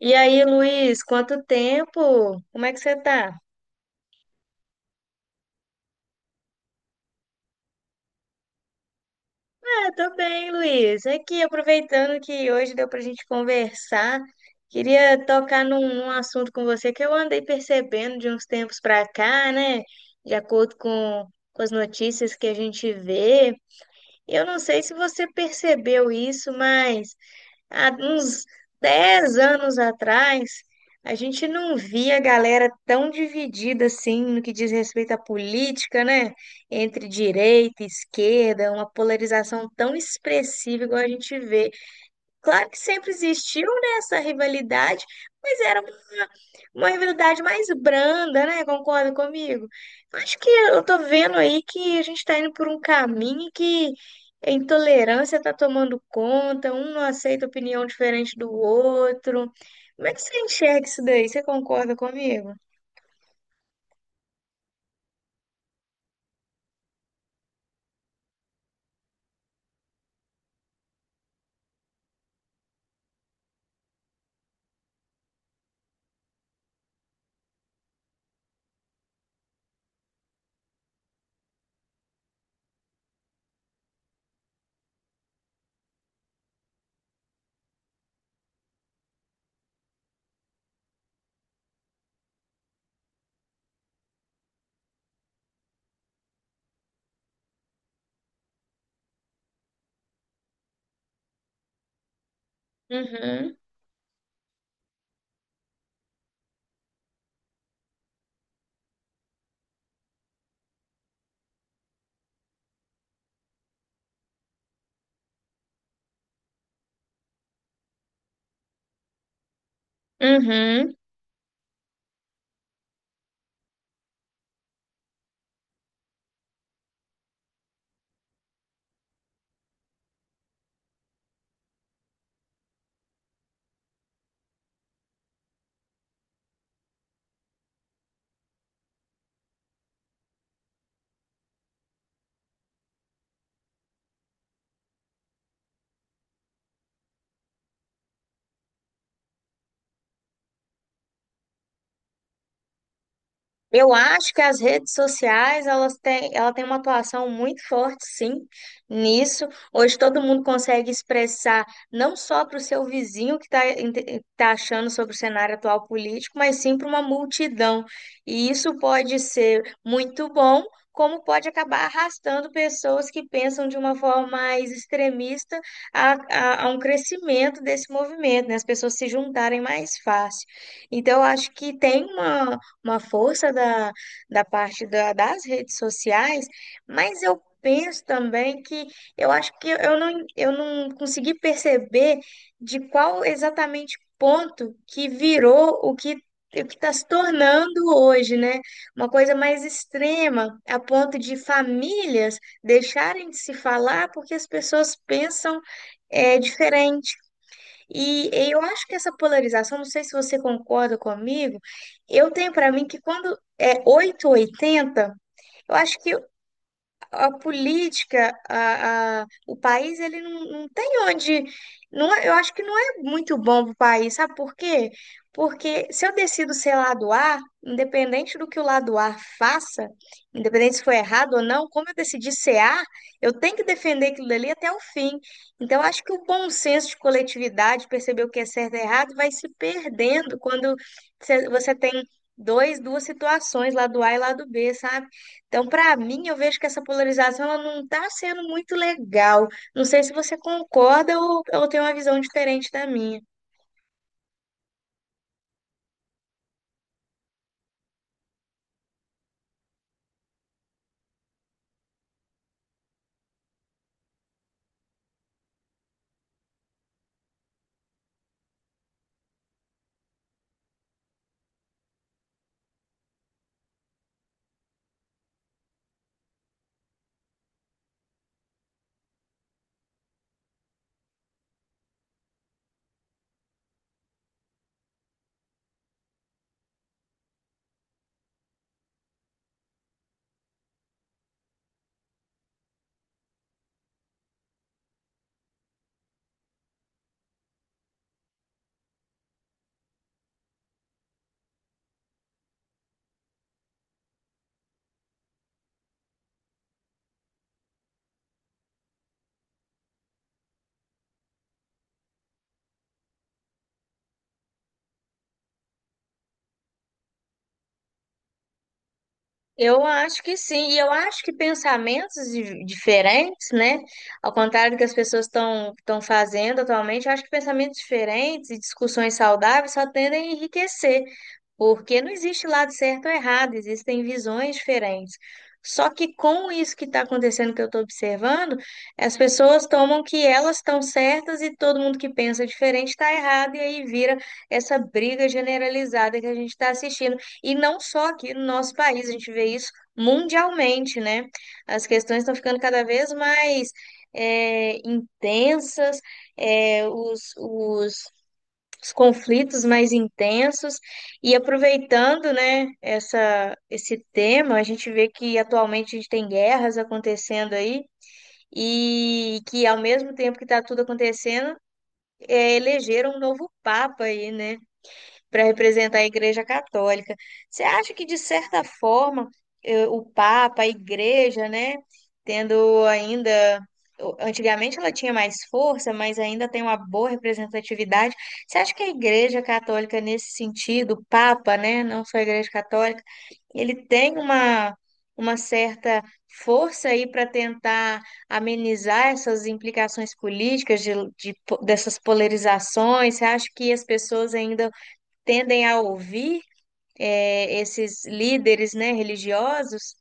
E aí, Luiz, quanto tempo? Como é que você tá? Ah, tô bem, Luiz. Aqui, aproveitando que hoje deu pra gente conversar, queria tocar num assunto com você que eu andei percebendo de uns tempos pra cá, né? De acordo com, com as notícias que a gente vê. Eu não sei se você percebeu isso, mas há uns 10 anos atrás, a gente não via a galera tão dividida assim no que diz respeito à política, né? Entre direita e esquerda, uma polarização tão expressiva igual a gente vê. Claro que sempre existiu, né, essa rivalidade, mas era uma, uma rivalidade mais branda, né? Concorda comigo? Eu Acho que eu tô vendo aí que a gente tá indo por um caminho que a intolerância tá tomando conta, um não aceita opinião diferente do outro. Como é que você enxerga isso daí? Você concorda comigo? Uhum, uhum. Eu acho que as redes sociais, ela tem uma atuação muito forte, sim, nisso. Hoje todo mundo consegue expressar não só para o seu vizinho que está achando sobre o cenário atual político, mas sim para uma multidão. E isso pode ser muito bom, como pode acabar arrastando pessoas que pensam de uma forma mais extremista a um crescimento desse movimento, né? As pessoas se juntarem mais fácil. Então, eu acho que tem uma força da das redes sociais, mas eu penso também que eu acho que eu não consegui perceber de qual exatamente ponto que virou o que está se tornando hoje, né? Uma coisa mais extrema, a ponto de famílias deixarem de se falar porque as pessoas pensam diferente. E eu acho que essa polarização, não sei se você concorda comigo, eu tenho para mim que quando é 8 ou 80, eu acho que a política, a- o país, ele não, não tem onde. Não, é- eu acho que não é muito bom para o país, sabe por quê? Porque se eu decido ser lado A, independente do que o lado A faça, independente se foi errado ou não, como eu decidi ser A, eu tenho que defender aquilo dali até o fim. Então, eu acho que o bom senso de coletividade, perceber o que é certo e errado, vai se perdendo quando você tem duas situações, lado A e lado B, sabe? Então, para mim, eu vejo que essa polarização ela não está sendo muito legal. Não sei se você concorda ou tem uma visão diferente da minha. Eu acho que sim, e eu acho que diferentes, né? Ao contrário do que as pessoas estão fazendo atualmente, eu acho que pensamentos diferentes e discussões saudáveis só tendem a enriquecer. Porque não existe lado certo ou errado, existem visões diferentes. Só que com isso que está acontecendo, que eu estou observando, as pessoas tomam que elas estão certas e todo mundo que pensa diferente está errado, e aí vira essa briga generalizada que a gente está assistindo. E não só aqui no nosso país, a gente vê isso mundialmente, né? As questões estão ficando cada vez mais intensas, é, os, os os conflitos mais intensos. E aproveitando, né, esse tema, a gente vê que atualmente a gente tem guerras acontecendo aí, e que ao mesmo tempo que está tudo acontecendo, elegeram um novo papa aí, né? Para representar a Igreja Católica. Você acha que, de certa forma, o Papa, a Igreja, né, tendo ainda. Antigamente ela tinha mais força, mas ainda tem uma boa representatividade. Você acha que a Igreja Católica, nesse sentido, o Papa, né, não só a Igreja Católica, ele tem uma certa força aí para tentar amenizar essas implicações políticas dessas polarizações? Você acha que as pessoas ainda tendem a ouvir esses líderes, né, religiosos.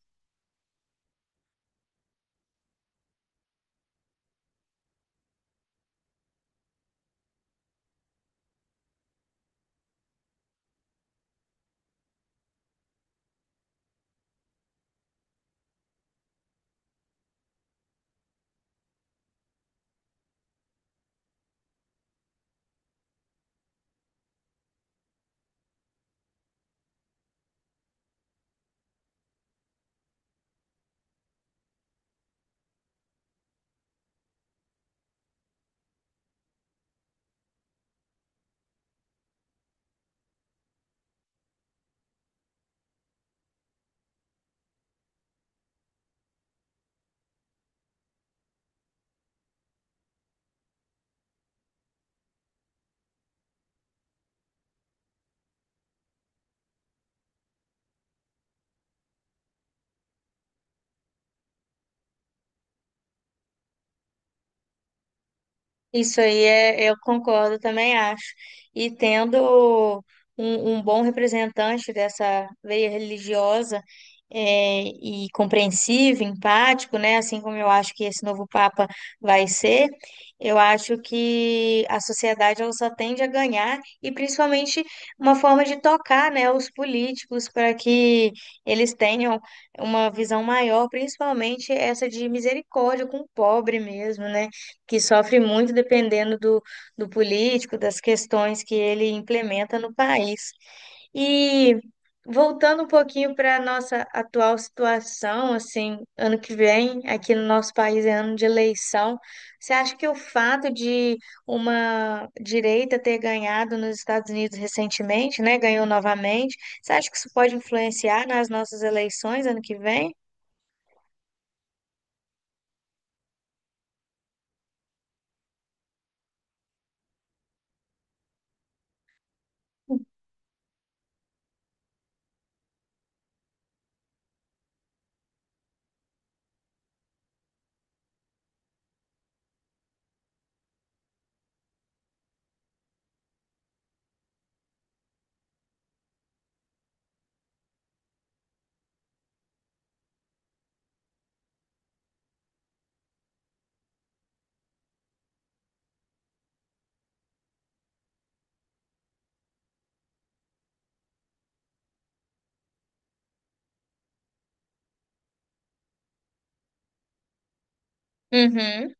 Isso aí é, eu concordo, também acho. E tendo um bom representante dessa veia religiosa, e compreensivo, empático, né? Assim como eu acho que esse novo Papa vai ser, eu acho que a sociedade ela só tende a ganhar, e principalmente uma forma de tocar, né, os políticos para que eles tenham uma visão maior, principalmente essa de misericórdia com o pobre mesmo, né? Que sofre muito dependendo do político, das questões que ele implementa no país. E voltando um pouquinho para a nossa atual situação, assim, ano que vem, aqui no nosso país é ano de eleição. Você acha que o fato de uma direita ter ganhado nos Estados Unidos recentemente, né, ganhou novamente, você acha que isso pode influenciar nas nossas eleições ano que vem? Uhum.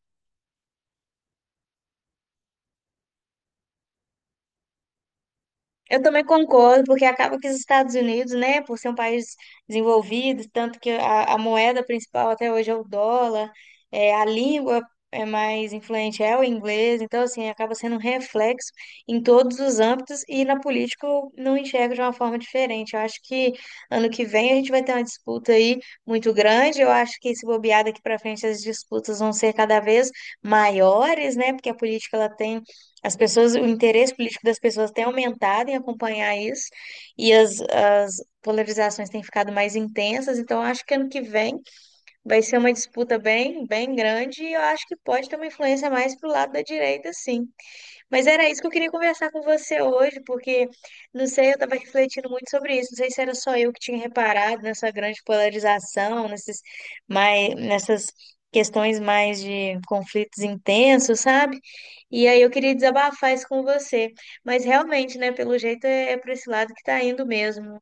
Eu também concordo, porque acaba que os Estados Unidos, né, por ser um país desenvolvido, tanto que a moeda principal até hoje é o dólar, é, a língua é mais influente é o inglês, então, assim, acaba sendo um reflexo em todos os âmbitos, e na política eu não enxergo de uma forma diferente. Eu acho que ano que vem a gente vai ter uma disputa aí muito grande, eu acho que se bobear daqui para frente as disputas vão ser cada vez maiores, né, porque a política ela tem as pessoas, o interesse político das pessoas tem aumentado em acompanhar isso, as polarizações têm ficado mais intensas, então eu acho que ano que vem vai ser uma disputa bem grande, e eu acho que pode ter uma influência mais pro lado da direita, sim. Mas era isso que eu queria conversar com você hoje, porque, não sei, eu estava refletindo muito sobre isso, não sei se era só eu que tinha reparado nessa grande polarização, nessas questões mais de conflitos intensos, sabe? E aí eu queria desabafar isso com você. Mas realmente, né, pelo jeito é para esse lado que tá indo mesmo.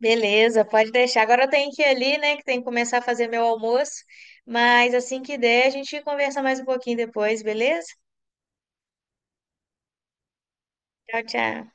Beleza, pode deixar. Agora eu tenho que ir ali, né, que tem que começar a fazer meu almoço. Mas assim que der, a gente conversa mais um pouquinho depois, beleza? Tchau, tchau.